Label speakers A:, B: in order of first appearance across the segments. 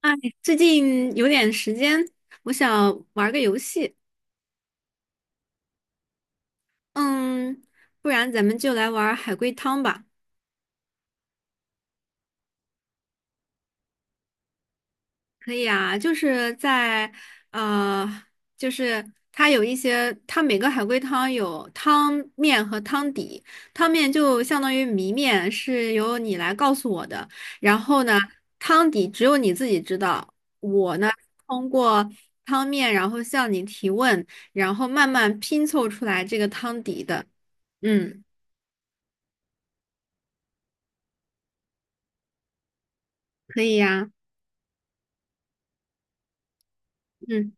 A: 哎，最近有点时间，我想玩个游戏。嗯，不然咱们就来玩儿海龟汤吧。可以啊，就是在呃，就是它有一些，它每个海龟汤有汤面和汤底。汤面就相当于谜面，是由你来告诉我的。然后呢，汤底只有你自己知道。我呢，通过汤面，然后向你提问，然后慢慢拼凑出来这个汤底的。嗯，可以呀，嗯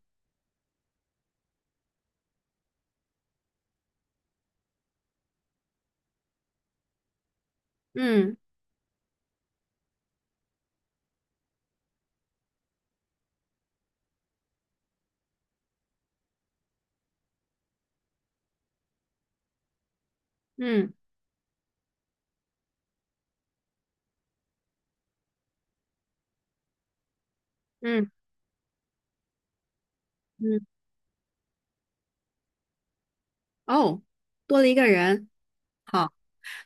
A: 嗯嗯嗯嗯，哦，多了一个人，好，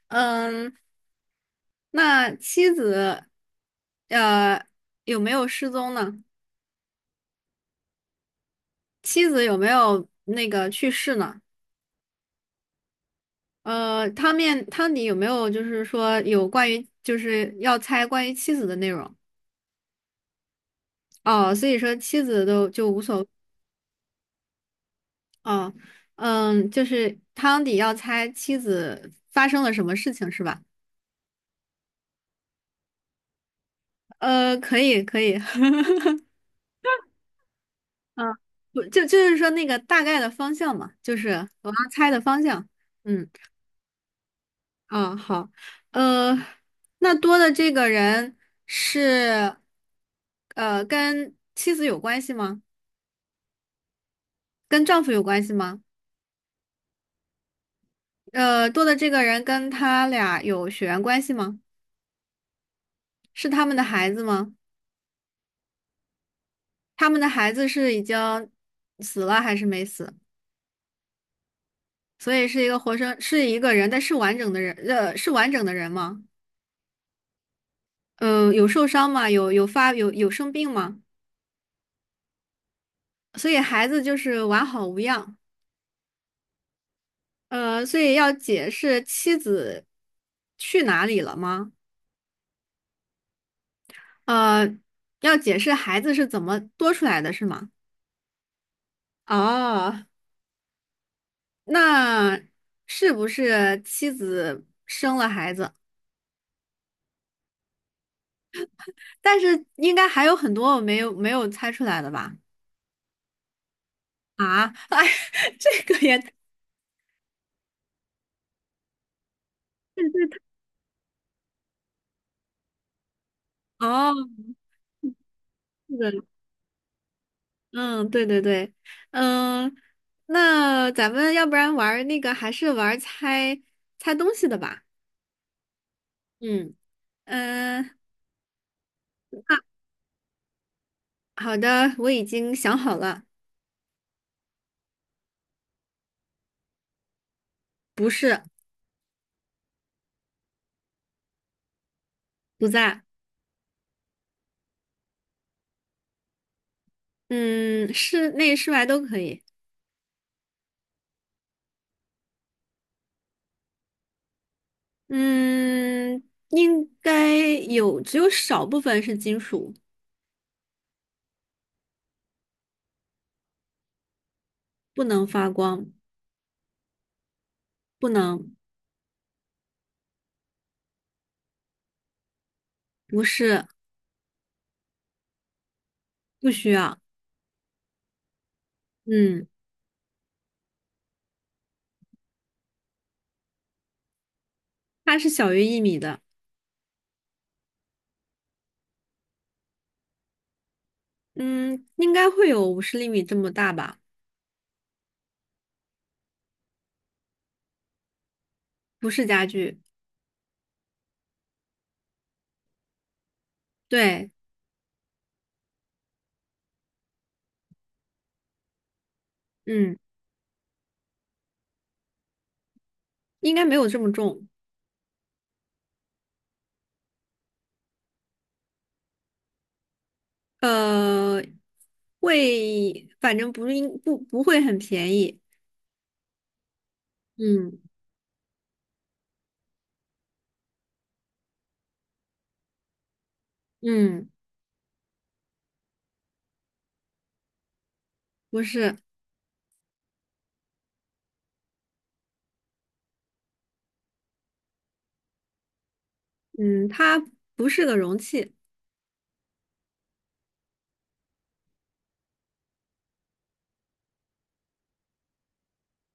A: 嗯，那妻子，呃，有没有失踪呢？妻子有没有那个去世呢？汤面汤底有没有就是说有关于就是要猜关于妻子的内容？哦，所以说妻子都就无所谓哦，嗯，就是汤底要猜妻子发生了什么事情是吧？可以可以，嗯，不就就是说那个大概的方向嘛，就是我要猜的方向。嗯，啊，好，呃，那多的这个人是，跟妻子有关系吗？跟丈夫有关系吗？多的这个人跟他俩有血缘关系吗？是他们的孩子吗？他们的孩子是已经死了还是没死？所以是一个活生，是一个人，但是完整的人，是完整的人吗？嗯，有受伤吗？有有发有有生病吗？所以孩子就是完好无恙。所以要解释妻子去哪里了吗？呃，要解释孩子是怎么多出来的，是吗？哦，那是不是妻子生了孩子？但是应该还有很多我没有猜出来的吧？啊，哎，这个也哦，是的嗯，对对对，嗯，那咱们要不然玩儿那个，还是玩儿猜猜东西的吧？嗯嗯，那好的，我已经想好了，不是，不在，嗯，室内室外都可以，嗯，应该有，只有少部分是金属，不能发光，不能，不是，不需要，嗯，它是小于1米的，嗯，应该会有50厘米这么大吧，不是家具。对，嗯，应该没有这么重，呃，会，反正不应不不会很便宜，嗯嗯，不是，嗯，它不是个容器，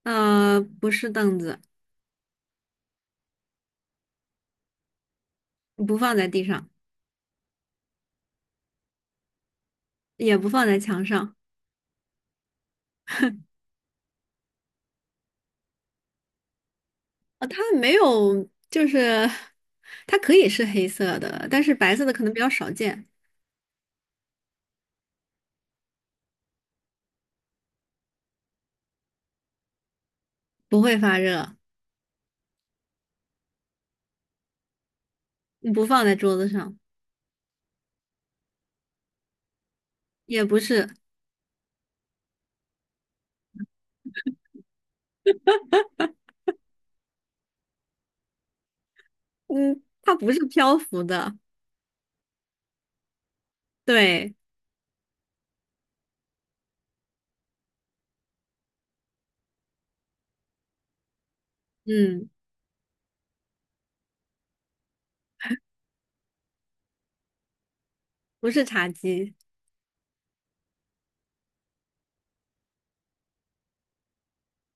A: 不是凳子，不放在地上，也不放在墙上，它没有，就是它可以是黑色的，但是白色的可能比较少见，不会发热，不放在桌子上，也不是，嗯，它不是漂浮的，对，嗯。不是茶几，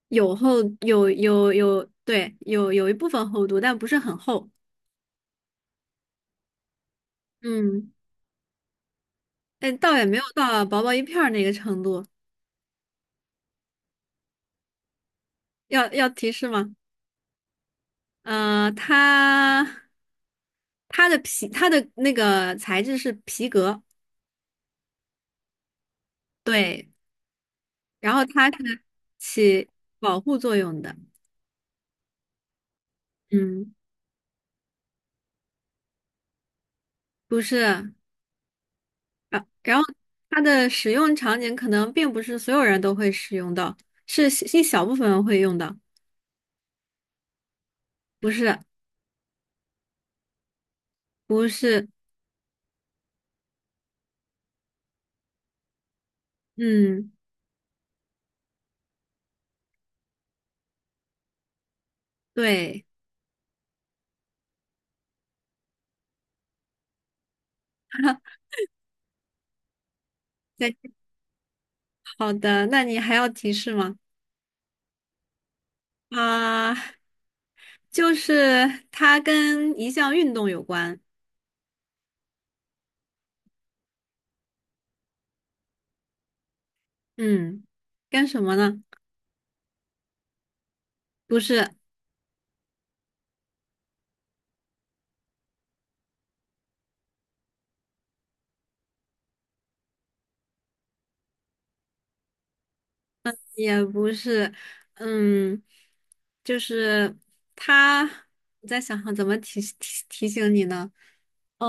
A: 有，对，有一部分厚度，但不是很厚。嗯，哎，倒也没有到薄薄一片儿那个程度。要提示吗？它它的皮，它的那个材质是皮革，对，然后它是起保护作用的。嗯，不是。然后它的使用场景可能并不是所有人都会使用到，是一小部分人会用到。不是，不是，嗯。对，再见好的，那你还要提示吗？啊、就是它跟一项运动有关，嗯，跟什么呢？不是，也不是，嗯，就是它，我在想想怎么提醒你呢？嗯，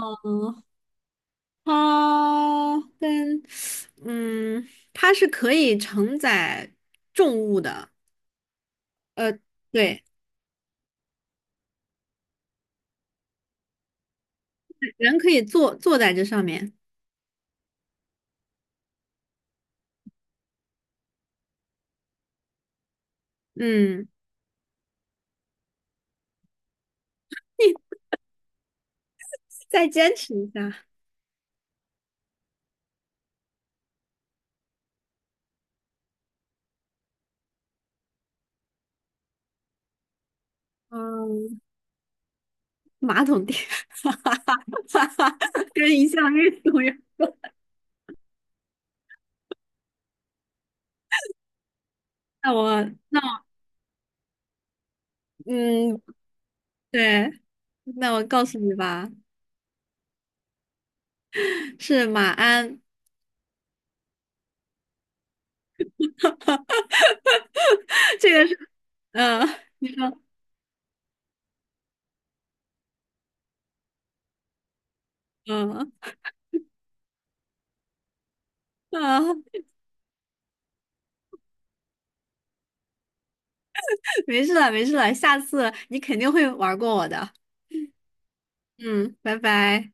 A: 它跟，嗯，它是可以承载重物的，呃，对，人可以坐在这上面，嗯。再坚持一下。嗯，马桶垫，哈哈哈哈哈，跟一项运动有。那我那我嗯，对，那我告诉你吧，是马鞍，这个是嗯，你说嗯啊，没事了没事了，下次你肯定会玩过我的。嗯，拜拜。